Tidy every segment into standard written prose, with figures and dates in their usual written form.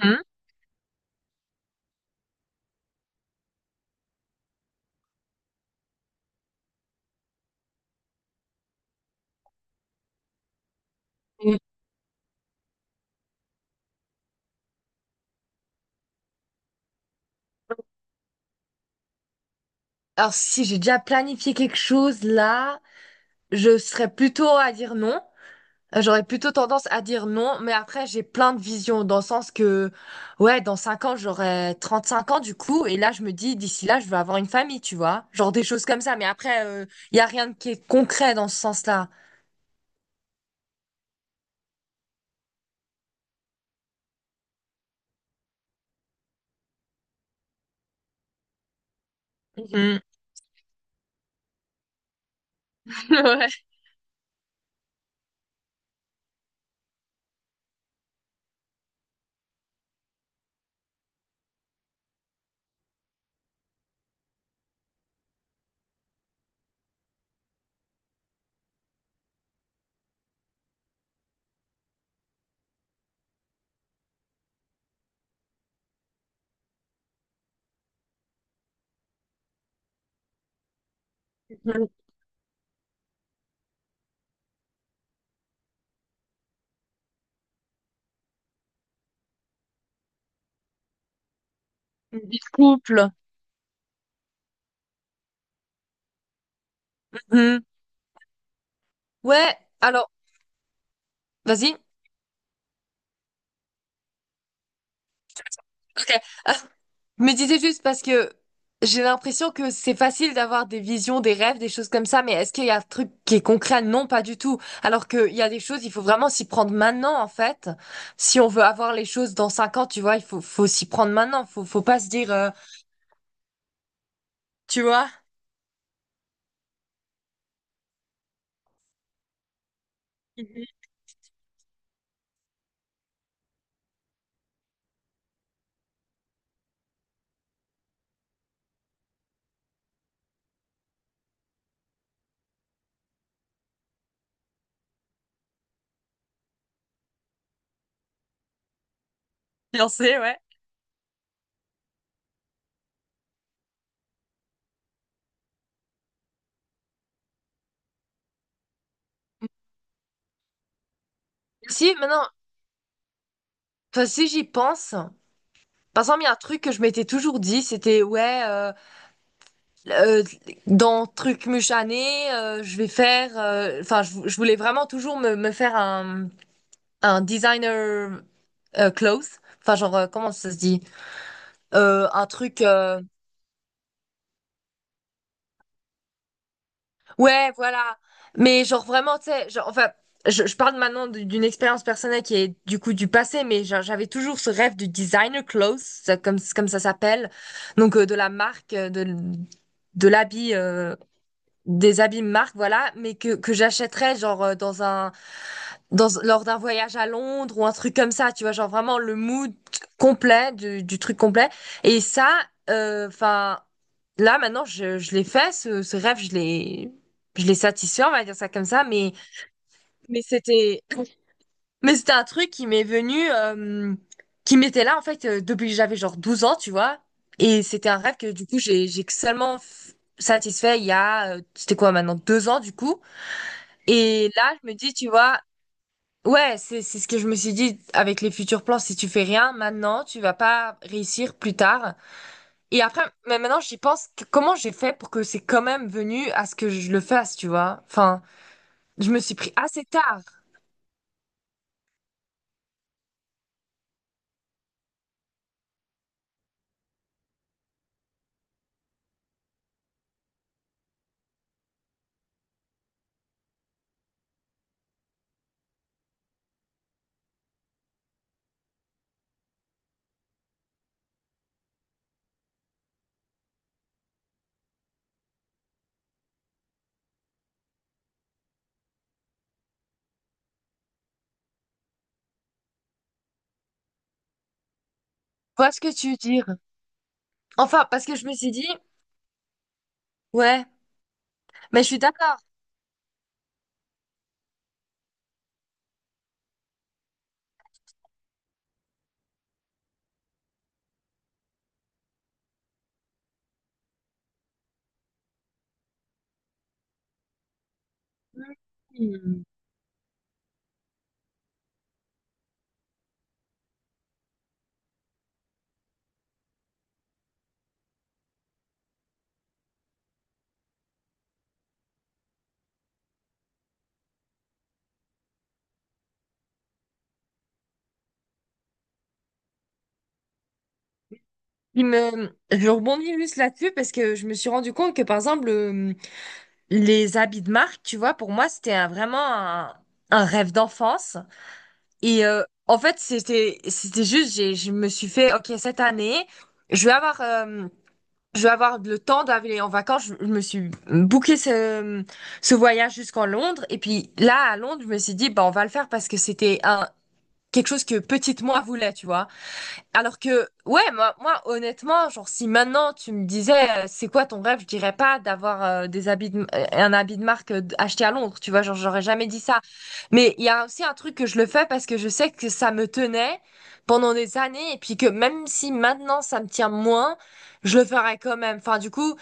Hmm. Mm. Alors, si j'ai déjà planifié quelque chose là, je serais plutôt à dire non. J'aurais plutôt tendance à dire non, mais après, j'ai plein de visions dans le sens que, ouais, dans 5 ans, j'aurai 35 ans du coup, et là, je me dis, d'ici là, je veux avoir une famille, tu vois. Genre des choses comme ça, mais après, il y a rien qui est concret dans ce sens-là. Mhm. Ouais. Mhm. Du couple. Mhm. Ouais, alors, vas-y. Ok. Je me disais juste parce que j'ai l'impression que c'est facile d'avoir des visions, des rêves, des choses comme ça, mais est-ce qu'il y a un truc qui est concret? Non, pas du tout. Alors qu'il y a des choses, il faut vraiment s'y prendre maintenant, en fait. Si on veut avoir les choses dans cinq ans, tu vois, il faut s'y prendre maintenant. Faut pas se dire, tu vois. J'en ouais. Si, maintenant, toi, si j'y pense, par exemple, il y a un truc que je m'étais toujours dit, c'était, ouais, euh, dans truc muchané, je vais faire, enfin, je voulais vraiment toujours me faire un designer clothes. Enfin, genre, comment ça se dit? Un truc. Ouais, voilà. Mais genre, vraiment, tu sais, genre, enfin, je parle maintenant d'une expérience personnelle qui est du coup du passé, mais genre, j'avais toujours ce rêve du designer clothes, comme, comme ça s'appelle. Donc, de la marque, de l'habit, des habits marque, voilà, mais que j'achèterais, genre, dans un. Dans, lors d'un voyage à Londres ou un truc comme ça, tu vois, genre vraiment le mood complet du truc complet. Et ça, enfin, là maintenant, je l'ai fait, ce rêve, je l'ai satisfait, on va dire ça comme ça, mais, mais c'était, mais c'était un truc qui m'est venu, qui m'était là en fait depuis que j'avais genre 12 ans, tu vois. Et c'était un rêve que du coup j'ai, satisfait il y a, c'était quoi maintenant, deux ans du coup. Et là, je me dis, tu vois, Ouais, c'est ce que je me suis dit avec les futurs plans. Si tu fais rien maintenant, tu vas pas réussir plus tard. Et après, mais maintenant j'y pense, comment j'ai fait pour que c'est quand même venu à ce que je le fasse, tu vois? Enfin, je me suis pris assez tard. Tu vois ce que tu veux dire? Enfin, parce que je me suis dit, ouais, mais je suis d'accord. Hmm. Il me, je rebondis juste là-dessus parce que je me suis rendu compte que par exemple les habits de marque, tu vois, pour moi c'était vraiment un rêve d'enfance. Et en fait, c'était juste, j'ai, je me suis fait, ok, cette année, je vais avoir, euh, je vais avoir le temps d'aller en vacances. Je me suis booké ce, ce voyage jusqu'en Londres. Et puis là, à Londres, je me suis dit, bah, on va le faire parce que c'était un quelque chose que petite moi voulait, tu vois. Alors que, ouais, moi, moi, honnêtement, genre, si maintenant tu me disais, c'est quoi ton rêve, je dirais pas d'avoir des un habit de marque acheté à Londres, tu vois, genre, j'aurais jamais dit ça. Mais il y a aussi un truc que je le fais parce que je sais que ça me tenait pendant des années et puis que même si maintenant ça me tient moins, je le ferais quand même. Enfin, du coup,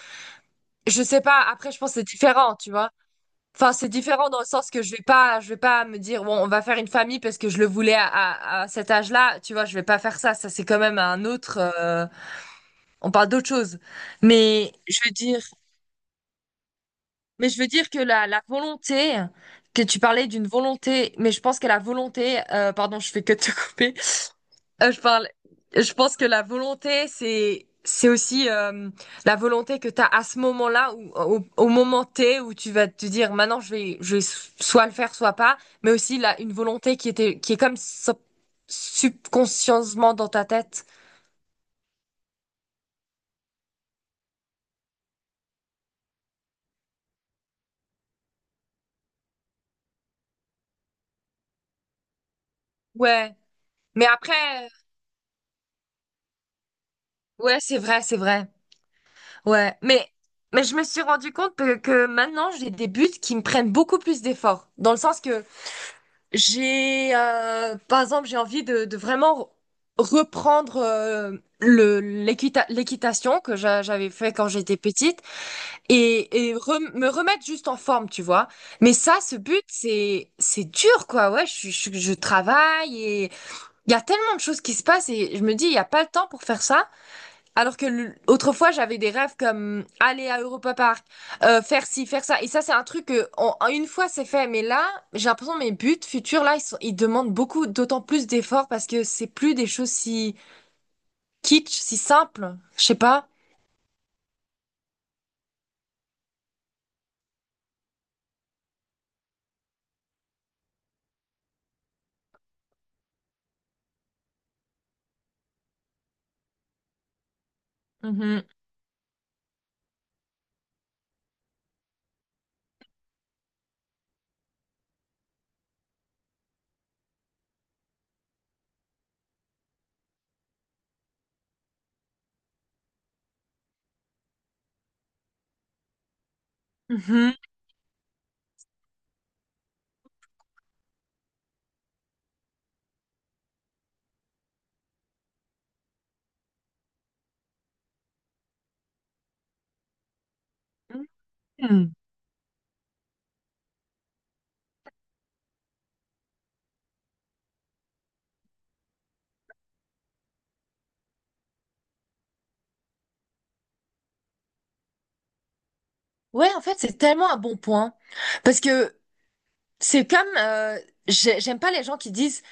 je sais pas, après, je pense que c'est différent, tu vois. Enfin, c'est différent dans le sens que je vais pas me dire, bon, on va faire une famille parce que je le voulais à cet âge-là. Tu vois, je vais pas faire ça. Ça, c'est quand même un autre, on parle d'autre chose. Mais je veux dire, mais je veux dire que la volonté, que tu parlais d'une volonté, mais je pense que la volonté, pardon, je fais que te couper. Euh, je parle, je pense que la volonté, c'est aussi la volonté que tu as à ce moment-là, ou au moment T, où tu vas te dire, maintenant, je vais soit le faire, soit pas, mais aussi là, une volonté qui était, qui est comme subconsciencement dans ta tête. Ouais. Mais après, ouais, c'est vrai, c'est vrai. Ouais. Mais je me suis rendu compte que maintenant, j'ai des buts qui me prennent beaucoup plus d'efforts, dans le sens que j'ai, par exemple, j'ai envie de vraiment reprendre le, l'équitation que j'avais fait quand j'étais petite et, me remettre juste en forme, tu vois. Mais ça, ce but, c'est dur, quoi. Ouais, je travaille et il y a tellement de choses qui se passent et je me dis, il n'y a pas le temps pour faire ça. Alors que autrefois, j'avais des rêves comme aller à Europa Park, faire ci, faire ça. Et ça, c'est un truc que, en une fois, c'est fait. Mais là, j'ai l'impression que mes buts futurs, là, ils demandent beaucoup, d'autant plus d'efforts parce que c'est plus des choses si kitsch, si simples. Je sais pas. Mhm. Mhm. Mhm. Ouais, en fait, c'est tellement un bon point. Parce que c'est comme, j'aime pas les gens qui disent,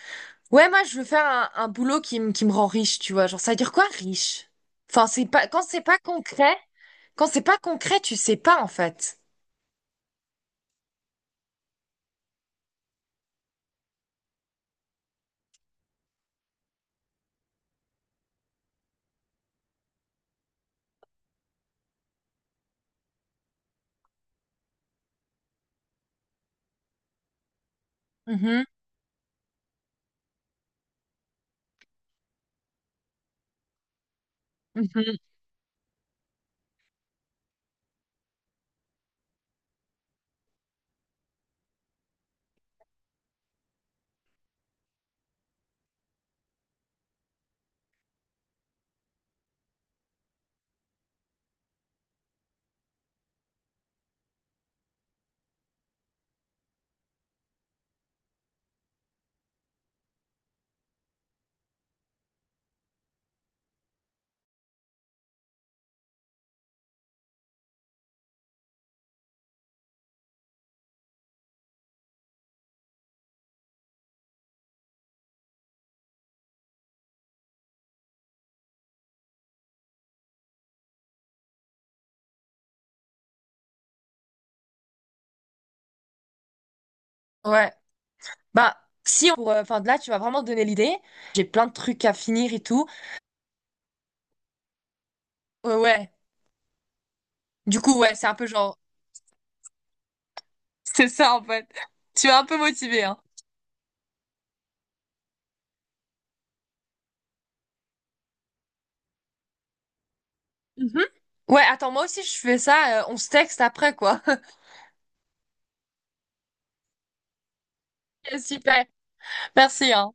ouais, moi, je veux faire un boulot qui me rend riche, tu vois. Genre, ça veut dire quoi, riche? Enfin, c'est pas, quand c'est pas concret, quand c'est pas concret, tu sais pas en fait. Mhm, mhm. Ouais. Bah, si, pour, enfin, là, tu m'as vraiment donné l'idée. J'ai plein de trucs à finir et tout. Ouais, ouais. Du coup, ouais, c'est un peu genre. C'est ça, en fait. Tu m'as un peu motivé, hein. Mhm. Ouais, attends, moi aussi, je fais ça. On se texte après, quoi. Ok, super. Merci, hein.